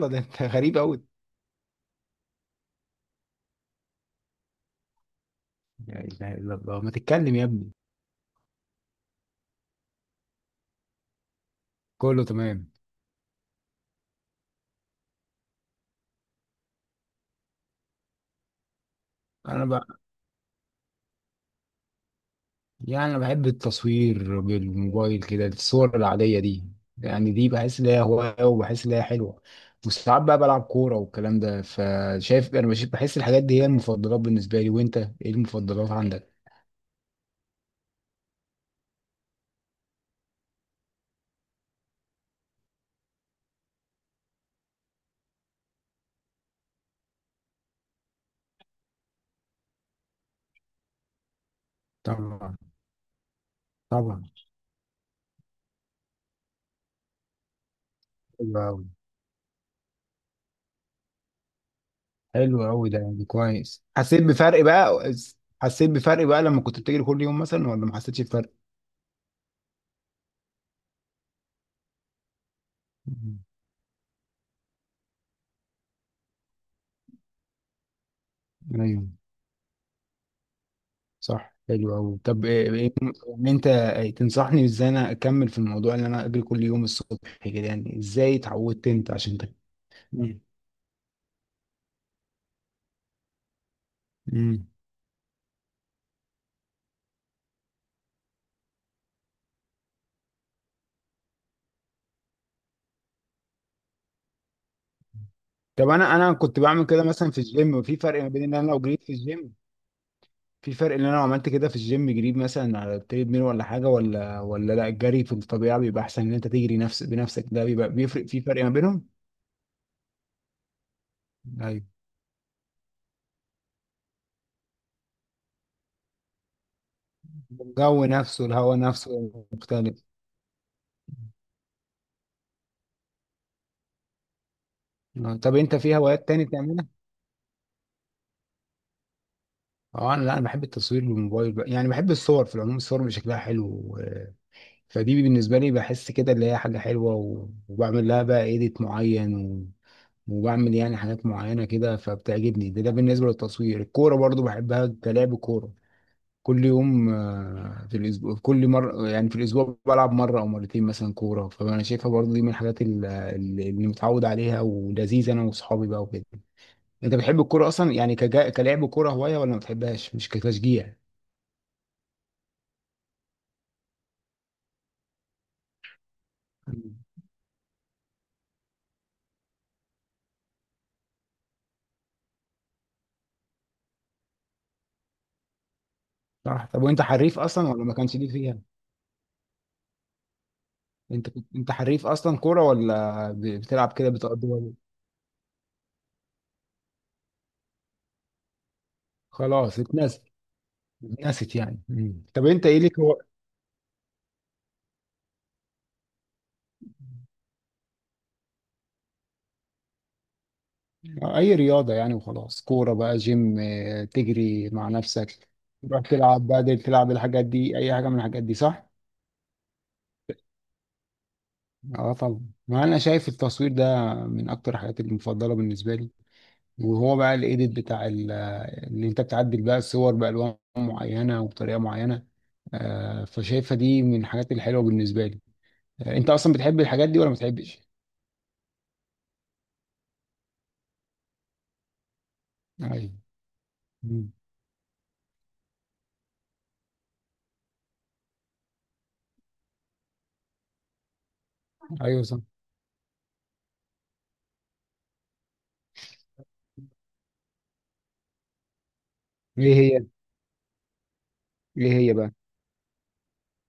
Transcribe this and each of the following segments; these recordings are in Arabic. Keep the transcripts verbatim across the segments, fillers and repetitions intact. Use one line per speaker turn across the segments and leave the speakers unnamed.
ده انت غريب قوي. لا اله الا الله، ما تتكلم يا ابني. كله تمام. انا بقى، يعني انا بحب التصوير بالموبايل كده الصور العاديه دي. يعني دي بحس ان هي هوايه، وبحس ان هي حلوه. وساعات بقى بلعب كوره والكلام ده، فشايف انا بش- بحس الحاجات دي هي المفضلات بالنسبه لي. وانت ايه المفضلات عندك؟ طبعا. طبعا. حلو قوي. حلو قوي، ده يعني كويس. حسيت بفرق بقى؟ حسيت بفرق بقى لما كنت بتجري كل يوم مثلا، ولا ما حسيتش بفرق؟ مم. ايوه صح، حلو أوي. طب إيه إيه- إن أنت تنصحني إزاي أنا أكمل في الموضوع، إن أنا أجري كل يوم الصبح كده؟ يعني إزاي اتعودت أنت عشان تك...؟ مم. مم. طب أنا أنا كنت بعمل كده مثلا في الجيم، وفي فرق ما بين إن أنا لو جريت في الجيم. في فرق إن أنا لو عملت كده في الجيم، جريت مثلا على التريد ميل ولا حاجة، ولا ولا لا، الجري في الطبيعة بيبقى أحسن. إن أنت تجري نفس بنفسك ده بيبقى بيفرق، في فرق ما بينهم. ايوه. الجو نفسه، الهواء نفسه مختلف. آه. طب أنت في هوايات تاني بتعملها؟ اه انا، لا انا بحب التصوير بالموبايل بقى. يعني بحب الصور في العموم، الصور اللي شكلها حلو و- فدي بالنسبه لي بحس كده اللي هي حاجه حلوه، و- وبعمل لها بقى ايديت معين، و... وبعمل يعني حاجات معينه كده فبتعجبني. ده, ده بالنسبه للتصوير. الكوره برضو بحبها، كلعب كوره كل يوم. آه، في الاسبوع، كل مره يعني في الاسبوع بلعب مره او مرتين مثلا كوره. فانا شايفها برضو دي من الحاجات ال- اللي اللي متعود عليها ولذيذه، انا واصحابي بقى وكده. انت بتحب الكوره اصلا؟ يعني كجا... كلعب كوره هوايه، ولا ما بتحبهاش مش كتشجيع؟ مم. صح. طب وانت حريف اصلا، ولا ما كانش ليك فيها؟ انت كنت، انت حريف اصلا كوره، ولا ب- بتلعب كده بتقضي وقت؟ خلاص اتنست. اتنست يعني. مم. طب انت ايه ليك هو؟ آه، اي رياضه يعني وخلاص، كوره بقى، جيم، آه، تجري مع نفسك، تروح تلعب. بدل تلعب الحاجات دي اي حاجه من الحاجات دي، صح. اه طبعا، ما انا شايف التصوير ده من اكتر الحاجات المفضله بالنسبه لي. وهو بقى الايديت بتاع ال- اللي انت بتعدل بقى الصور بألوان معينة وبطريقة معينة. آه، فشايفها دي من الحاجات الحلوة بالنسبة لي. آه، انت اصلا بتحب الحاجات دي، ولا ما بتحبش؟ ايوه. مم. ايوه صح. ايه هي؟ ايه هي بقى؟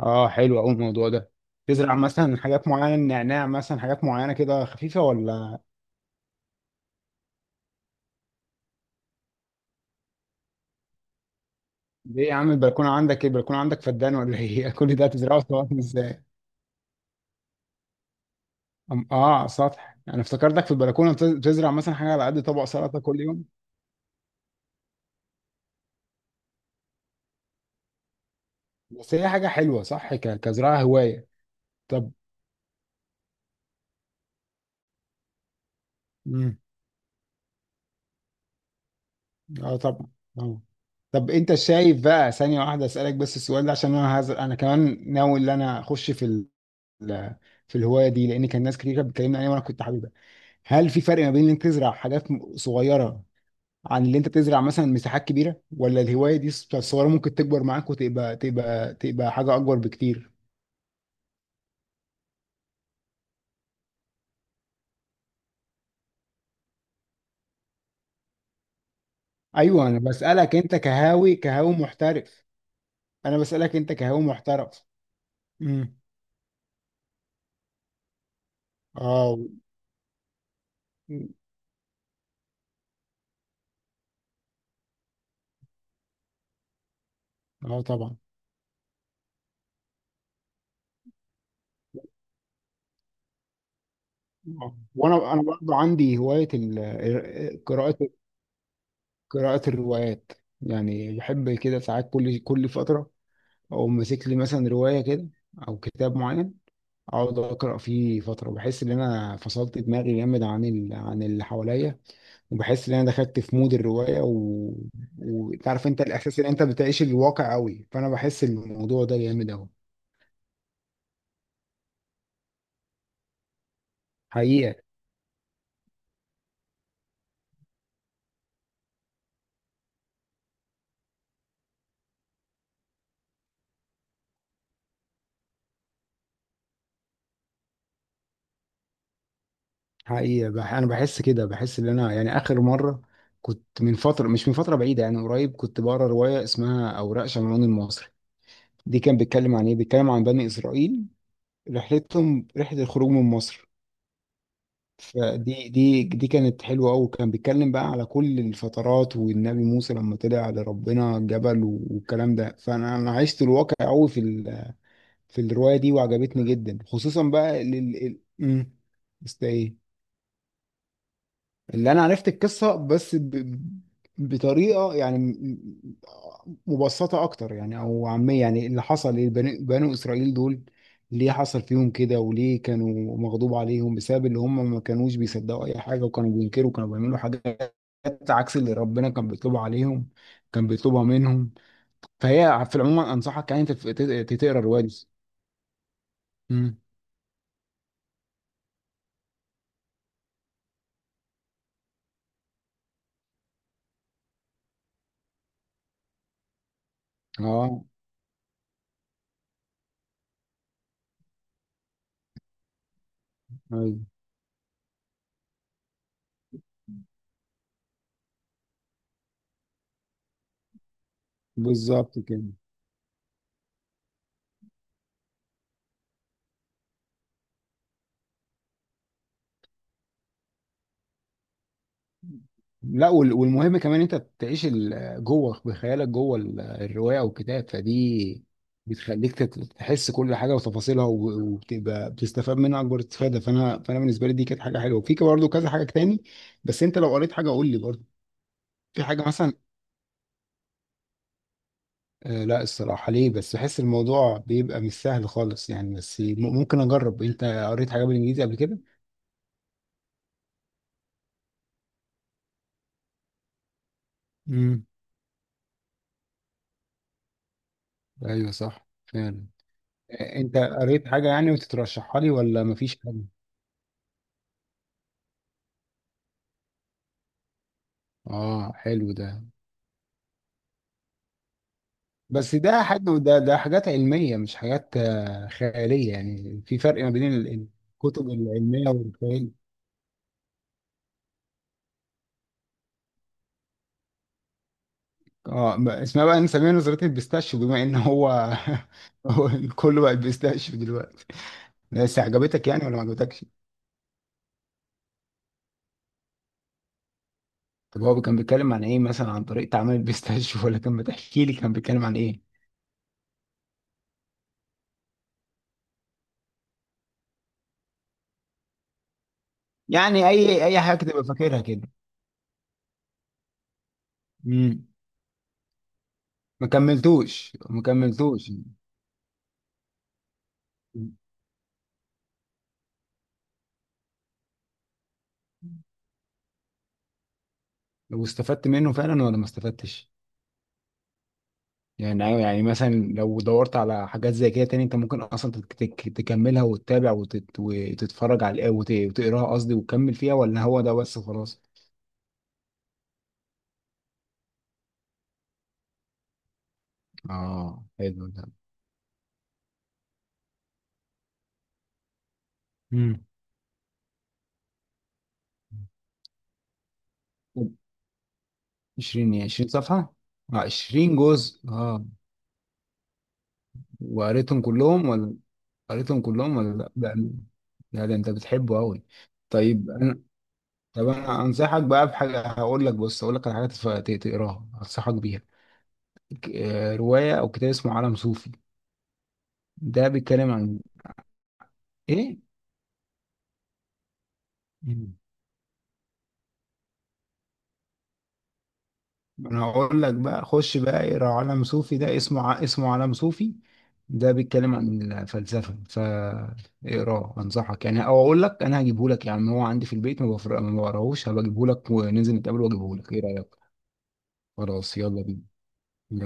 اه حلو قوي الموضوع ده. تزرع مثلا حاجات معينة، نعناع مثلا، حاجات معينة كده خفيفة ولا؟ ليه يا عم، البلكونة عندك ايه؟ البلكونة عندك فدان ولا ايه؟ كل ده هتزرعه طبعا ازاي؟ أم- اه على السطح، انا افتكرتك في البلكونة بتز- بتزرع مثلا حاجة على قد طبق سلطة كل يوم. بس هي حاجة حلوة صح، ك- كزراعة هواية. طب امم. اه طبعا. اه. طب انت شايف بقى، ثانية واحدة اسألك بس السؤال ده عشان انا هز... انا كمان ناوي ان انا اخش في ال... في الهواية دي، لان كان ناس كتير كانت بتكلمني عليها وانا كنت حاببها. هل في فرق ما بين انك تزرع حاجات م- صغيرة، عن اللي انت تزرع مثلا مساحات كبيرة؟ ولا الهواية دي الص- الصغيرة ممكن تكبر معاك وتبقى تبقى تبقى حاجة اكبر بكتير؟ ايوه. انا بسألك انت كهاوي، كهاوي محترف. انا بسألك انت كهاوي محترف. مم. اه. اه طبعا. آه. وانا، انا برضه عندي هوايه ال-، آه، قراءه. قراءه الروايات. يعني بحب كده ساعات، كل كل فتره، او ماسك لي مثلا روايه كده، او كتاب معين، اقعد اقرا فيه فتره، بحس ان انا فصلت دماغي جامد عن ال... عن اللي حواليا. وبحس ان انا دخلت في مود الروايه و... وتعرف انت الاحساس ان انت بتعيش الواقع قوي، فانا بحس الموضوع ده جامد قوي. حقيقه. حقيقة، بح أنا بحس كده، بحس إن أنا يعني آخر مرة كنت من فترة، مش من فترة بعيدة يعني، قريب كنت بقرا رواية اسمها أوراق شمعون المصري. دي كان بيتكلم عن إيه؟ بيتكلم عن بني إسرائيل، رحلتهم رحلة الخروج من مصر. فدي، دي دي كانت حلوة أوي. كان بيتكلم بقى على كل الفترات، والنبي موسى لما طلع لربنا الجبل والكلام ده. فأنا، أنا عشت الواقع أوي في ال- في الرواية دي، وعجبتني جدا، خصوصا بقى لل... ال-، مم. است إيه؟ اللي انا عرفت القصه بس ب... بطريقه يعني م- مبسطه اكتر يعني، او عاميه يعني. اللي حصل لبني بنو اسرائيل دول، ليه حصل فيهم كده، وليه كانوا مغضوب عليهم، بسبب اللي هم ما كانوش بيصدقوا اي حاجه، وكانوا بينكروا، كانوا بيعملوا حاجات عكس اللي ربنا كان بيطلبها عليهم، كان بيطلبها منهم. فهي في العموم انصحك يعني تف- تت- تقرا الروايه دي. مم. اه. أيوة. بالظبط كده. لا وال-، والمهم كمان انت بتعيش ال- جوه بخيالك، جوه ال- الروايه او الكتاب. فدي بتخليك تت- تحس كل حاجه وتفاصيلها، وب- وبتبقى بتستفاد منها اكبر استفاده. فانا فانا بالنسبه لي دي كانت حاجه حلوه، في برضه كذا حاجه تاني. بس انت لو قريت حاجه قول لي برضه. في حاجه مثلا؟ آه، لا الصراحه، ليه بس، بحس الموضوع بيبقى مش سهل خالص يعني، بس م- ممكن اجرب. انت قريت حاجه بالانجليزي قبل كده؟ امم. ايوه صح فعلا. آه، انت قريت حاجه يعني وتترشحها لي، ولا مفيش حاجه؟ اه حلو ده. بس ده حاجة، ده ده حاجات علمية مش حاجات آه، خيالية يعني. في فرق ما بين ال- ال- الكتب العلمية والخيال. اه ب- اسمها بقى نسميها نظرية البيستاشيو بما ان هو هو كله بقى البيستاشيو دلوقتي. بس عجبتك يعني، ولا ما عجبتكش؟ طب هو كان بيتكلم عن ايه مثلا، عن طريقة عمل البيستاشيو؟ ولا كان بتحكي لي كان بيتكلم عن ايه؟ يعني اي اي حاجة تبقى فاكرها كده. امم. ما كملتوش ما كملتوش. واستفدت منه فعلا، ولا ما استفدتش؟ يعني أيوة، يعني مثلا لو دورت على حاجات زي كده تاني، انت ممكن اصلا تك- تك- تكملها وتتابع وتت... وتتفرج على وت... وتقراها قصدي، وتكمل فيها، ولا هو ده بس خلاص؟ اه حلو ده. امم. عشرين، عشرين صفحة؟ اه عشرين جزء، اه. وقريتهم كلهم ولا؟ قريتهم كلهم ولا؟ لا ده، لا ده انت بتحبه قوي. طيب انا، طب انا انصحك بقى بحاجه، هقول لك، بص هقول لك على حاجه تف- ت- تقراها، انصحك بيها. ك- آه، روايه او كتاب اسمه عالم صوفي. ده بيتكلم عن ايه؟ مم. انا هقول لك بقى، خش بقى اقرا عالم صوفي. ده اسمه ع- اسمه عالم صوفي. ده بيتكلم عن الفلسفه، فاقراه انصحك يعني. او اقول لك، انا هجيبه لك يعني، هو عندي في البيت، ما بفرق ما بقراهوش، هبقى اجيبه لك، وننزل نتقابل واجيبه لك. ايه رايك؟ خلاص يلا بينا.